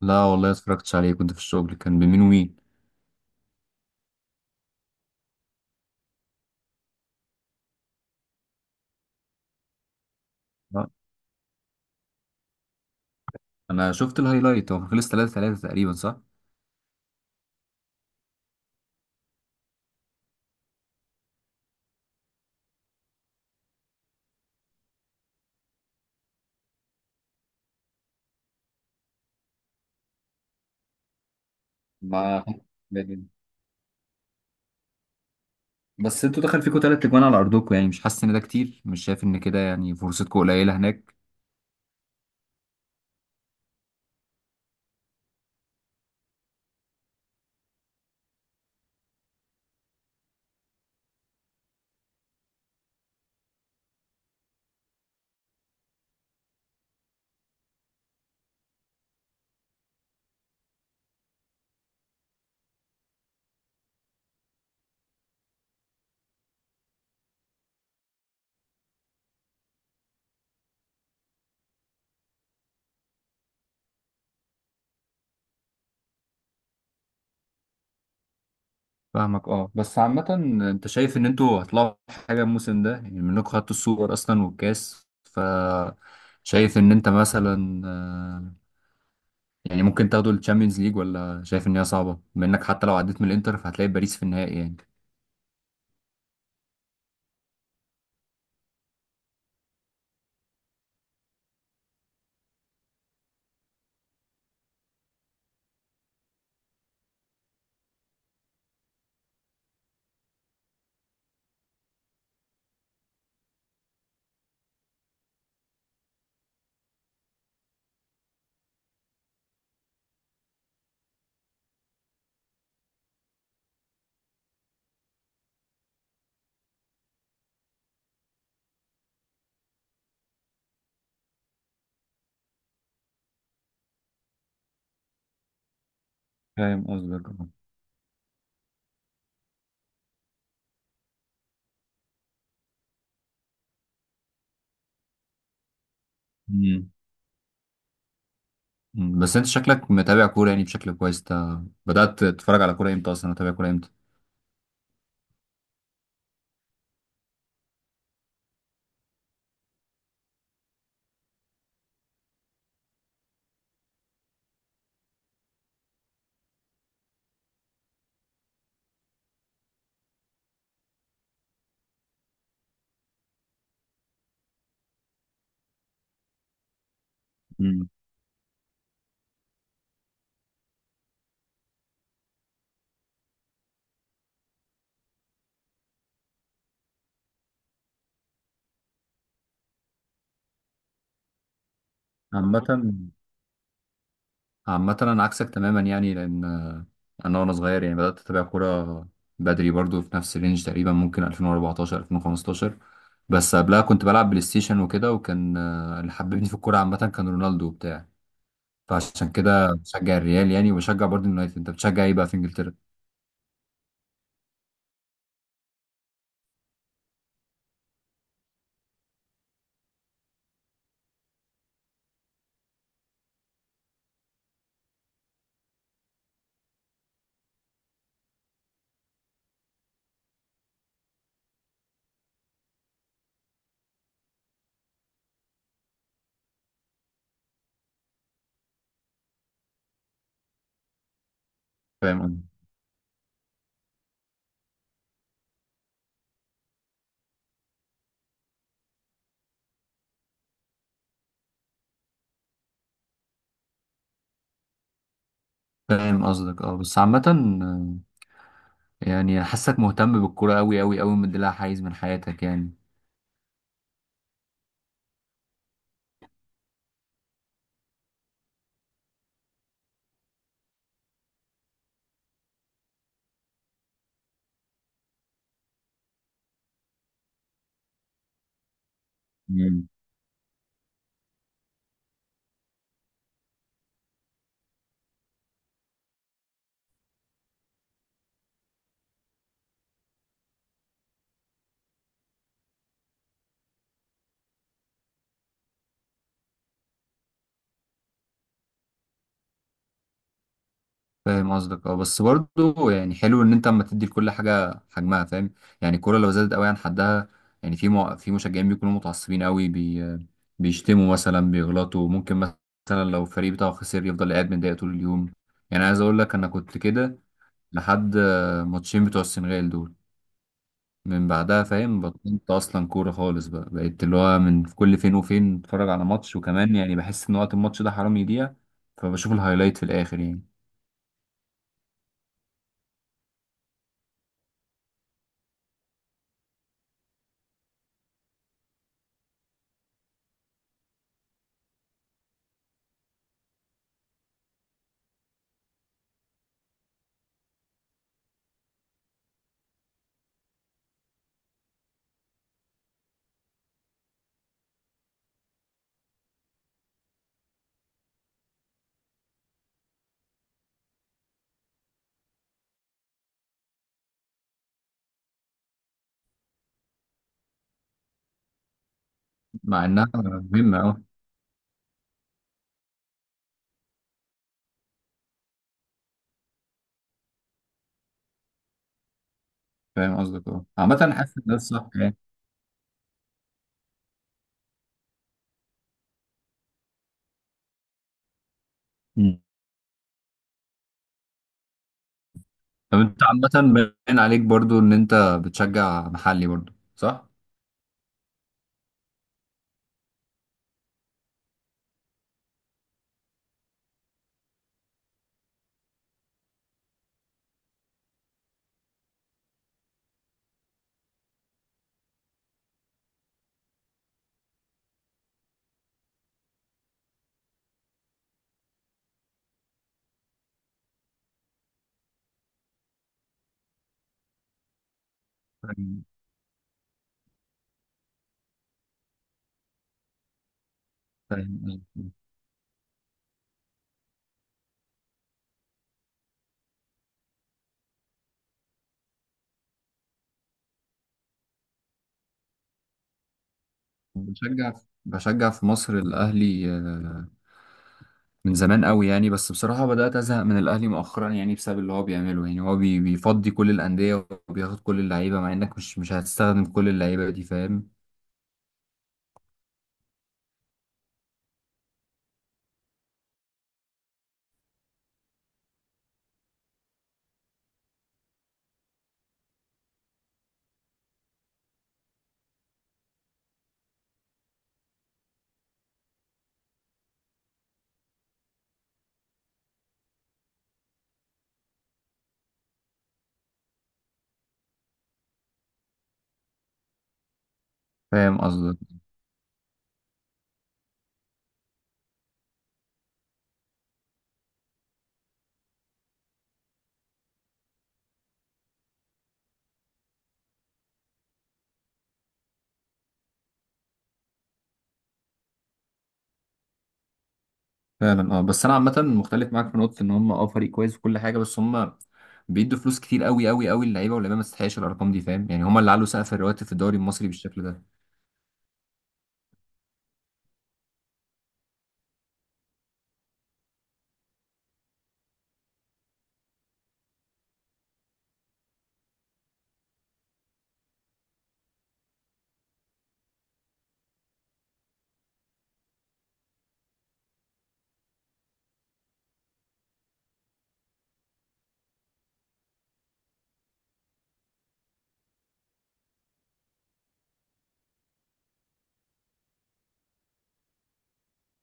لا والله اتفرجتش عليه، كنت في الشغل. كان بمين ومين؟ آه. انا شفت الهايلايت، هو خلص 3-3 تقريبا، صح؟ ما خدتش بالي. بس انتوا دخل فيكم تلات اجوان على ارضكم، يعني مش حاسس ان ده كتير؟ مش شايف ان كده يعني فرصتكم قليله هناك؟ فاهمك اه، بس عامه انت شايف ان انتوا هتطلعوا حاجه الموسم ده؟ يعني منكم خدتوا السوبر اصلا والكاس، ف شايف ان انت مثلا يعني ممكن تاخدوا الشامبيونز ليج؟ ولا شايف ان هي صعبه، بما انك حتى لو عديت من الانتر فهتلاقي باريس في النهائي يعني؟ فاهم قصدك اه. مم. بس انت شكلك متابع كورة يعني بشكل كويس، انت بدأت تتفرج على كورة امتى اصلا؟ تتابع كورة امتى؟ مم. عامة عامة انا عكسك تماما يعني، لان انا وانا صغير يعني بدأت اتابع كورة بدري برضو، في نفس الرينج تقريبا، ممكن 2014 2015. بس قبلها كنت بلعب بلاي ستيشن وكده، وكان اللي حببني في الكورة عامة كان رونالدو وبتاع، فعشان كده بشجع الريال يعني، وبشجع برضو اليونايتد. انت بتشجع ايه بقى في انجلترا؟ فاهم. فاهم قصدك اه، بس عامة يعني حاسك مهتم بالكورة أوي أوي أوي، مديلها حيز من حياتك يعني. مم. فاهم قصدك اه، بس برضو يعني حلو ان انت اما تدي لكل حاجه حجمها، فاهم؟ يعني الكوره لو زادت قوي عن حدها، يعني في مشجعين بيكونوا متعصبين قوي، بيشتموا مثلا، بيغلطوا، ممكن مثلا لو الفريق بتاعه خسر يفضل قاعد متضايق طول اليوم. يعني عايز اقول لك انا كنت كده لحد ماتشين بتوع السنغال دول. من بعدها فاهم بطلت اصلا كوره خالص، بقى بقيت اللي هو من كل فين وفين اتفرج على ماتش. وكمان يعني بحس ان وقت الماتش ده حرام يضيع، فبشوف الهايلايت في الاخر يعني، مع انها مهمه اه. فاهم قصدك اه. عامه حاسس ان ده الصح يعني. مم. طب انت عامه باين عليك برضو ان انت بتشجع محلي برضو، صح؟ فاهم. فاهم قصدك. بشجع بشجع في مصر الاهلي من زمان قوي يعني، بس بصراحة بدأت أزهق من الأهلي مؤخرا يعني، بسبب اللي هو بيعمله. يعني هو بيفضي كل الأندية وبياخد كل اللعيبة، مع إنك مش هتستخدم كل اللعيبة دي، فاهم؟ فاهم قصدك. فعلا اه، بس أنا عامة مختلف معاك في نقطة، إن هم اه فريق كويس وكل حاجة، بس هم بيدوا فلوس كتير قوي قوي قوي للعيبة، واللعيبة ما تستحقش الأرقام دي، فاهم؟ يعني هم اللي علوا سقف الرواتب في الدوري المصري بالشكل ده.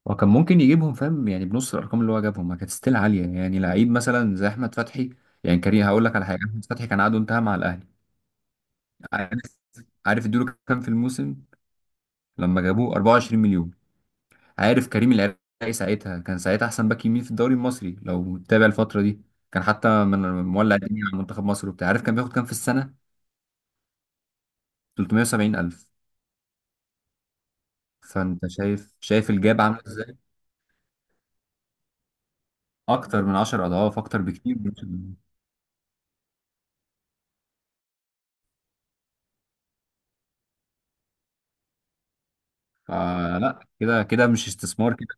وكان ممكن يجيبهم فاهم، يعني بنص الأرقام اللي هو جابهم ما كانت ستيل عالية، يعني لعيب مثلا زي أحمد فتحي. يعني كريم، هقول لك على حاجة، أحمد فتحي كان عقده انتهى مع الأهلي. عارف. عارف ادوله كام في الموسم لما جابوه؟ 24 مليون. عارف كريم العراقي ساعتها كان ساعتها احسن باك يمين في الدوري المصري، لو متابع الفتره دي، كان حتى من مولع الدنيا على منتخب مصر وبتاع. عارف كان بياخد كام في السنه؟ 370 الف. فانت شايف الجاب عامله ازاي. اكتر من 10 اضعاف، اكتر بكتير. فلا كده كده مش استثمار كده.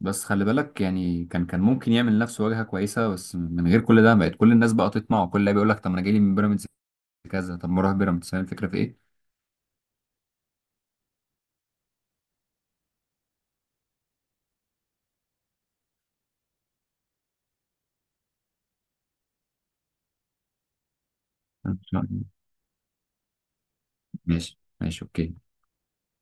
بس خلي بالك يعني، كان ممكن يعمل لنفسه واجهه كويسه بس من غير كل ده. بقت كل الناس بقى تطمع، وكل اللي بيقول لك طب ما انا جاي لي من بيراميدز كذا، طب ما اروح بيراميدز. فاهم الفكره في ايه؟ إن شاء الله. ماشي ماشي اوكي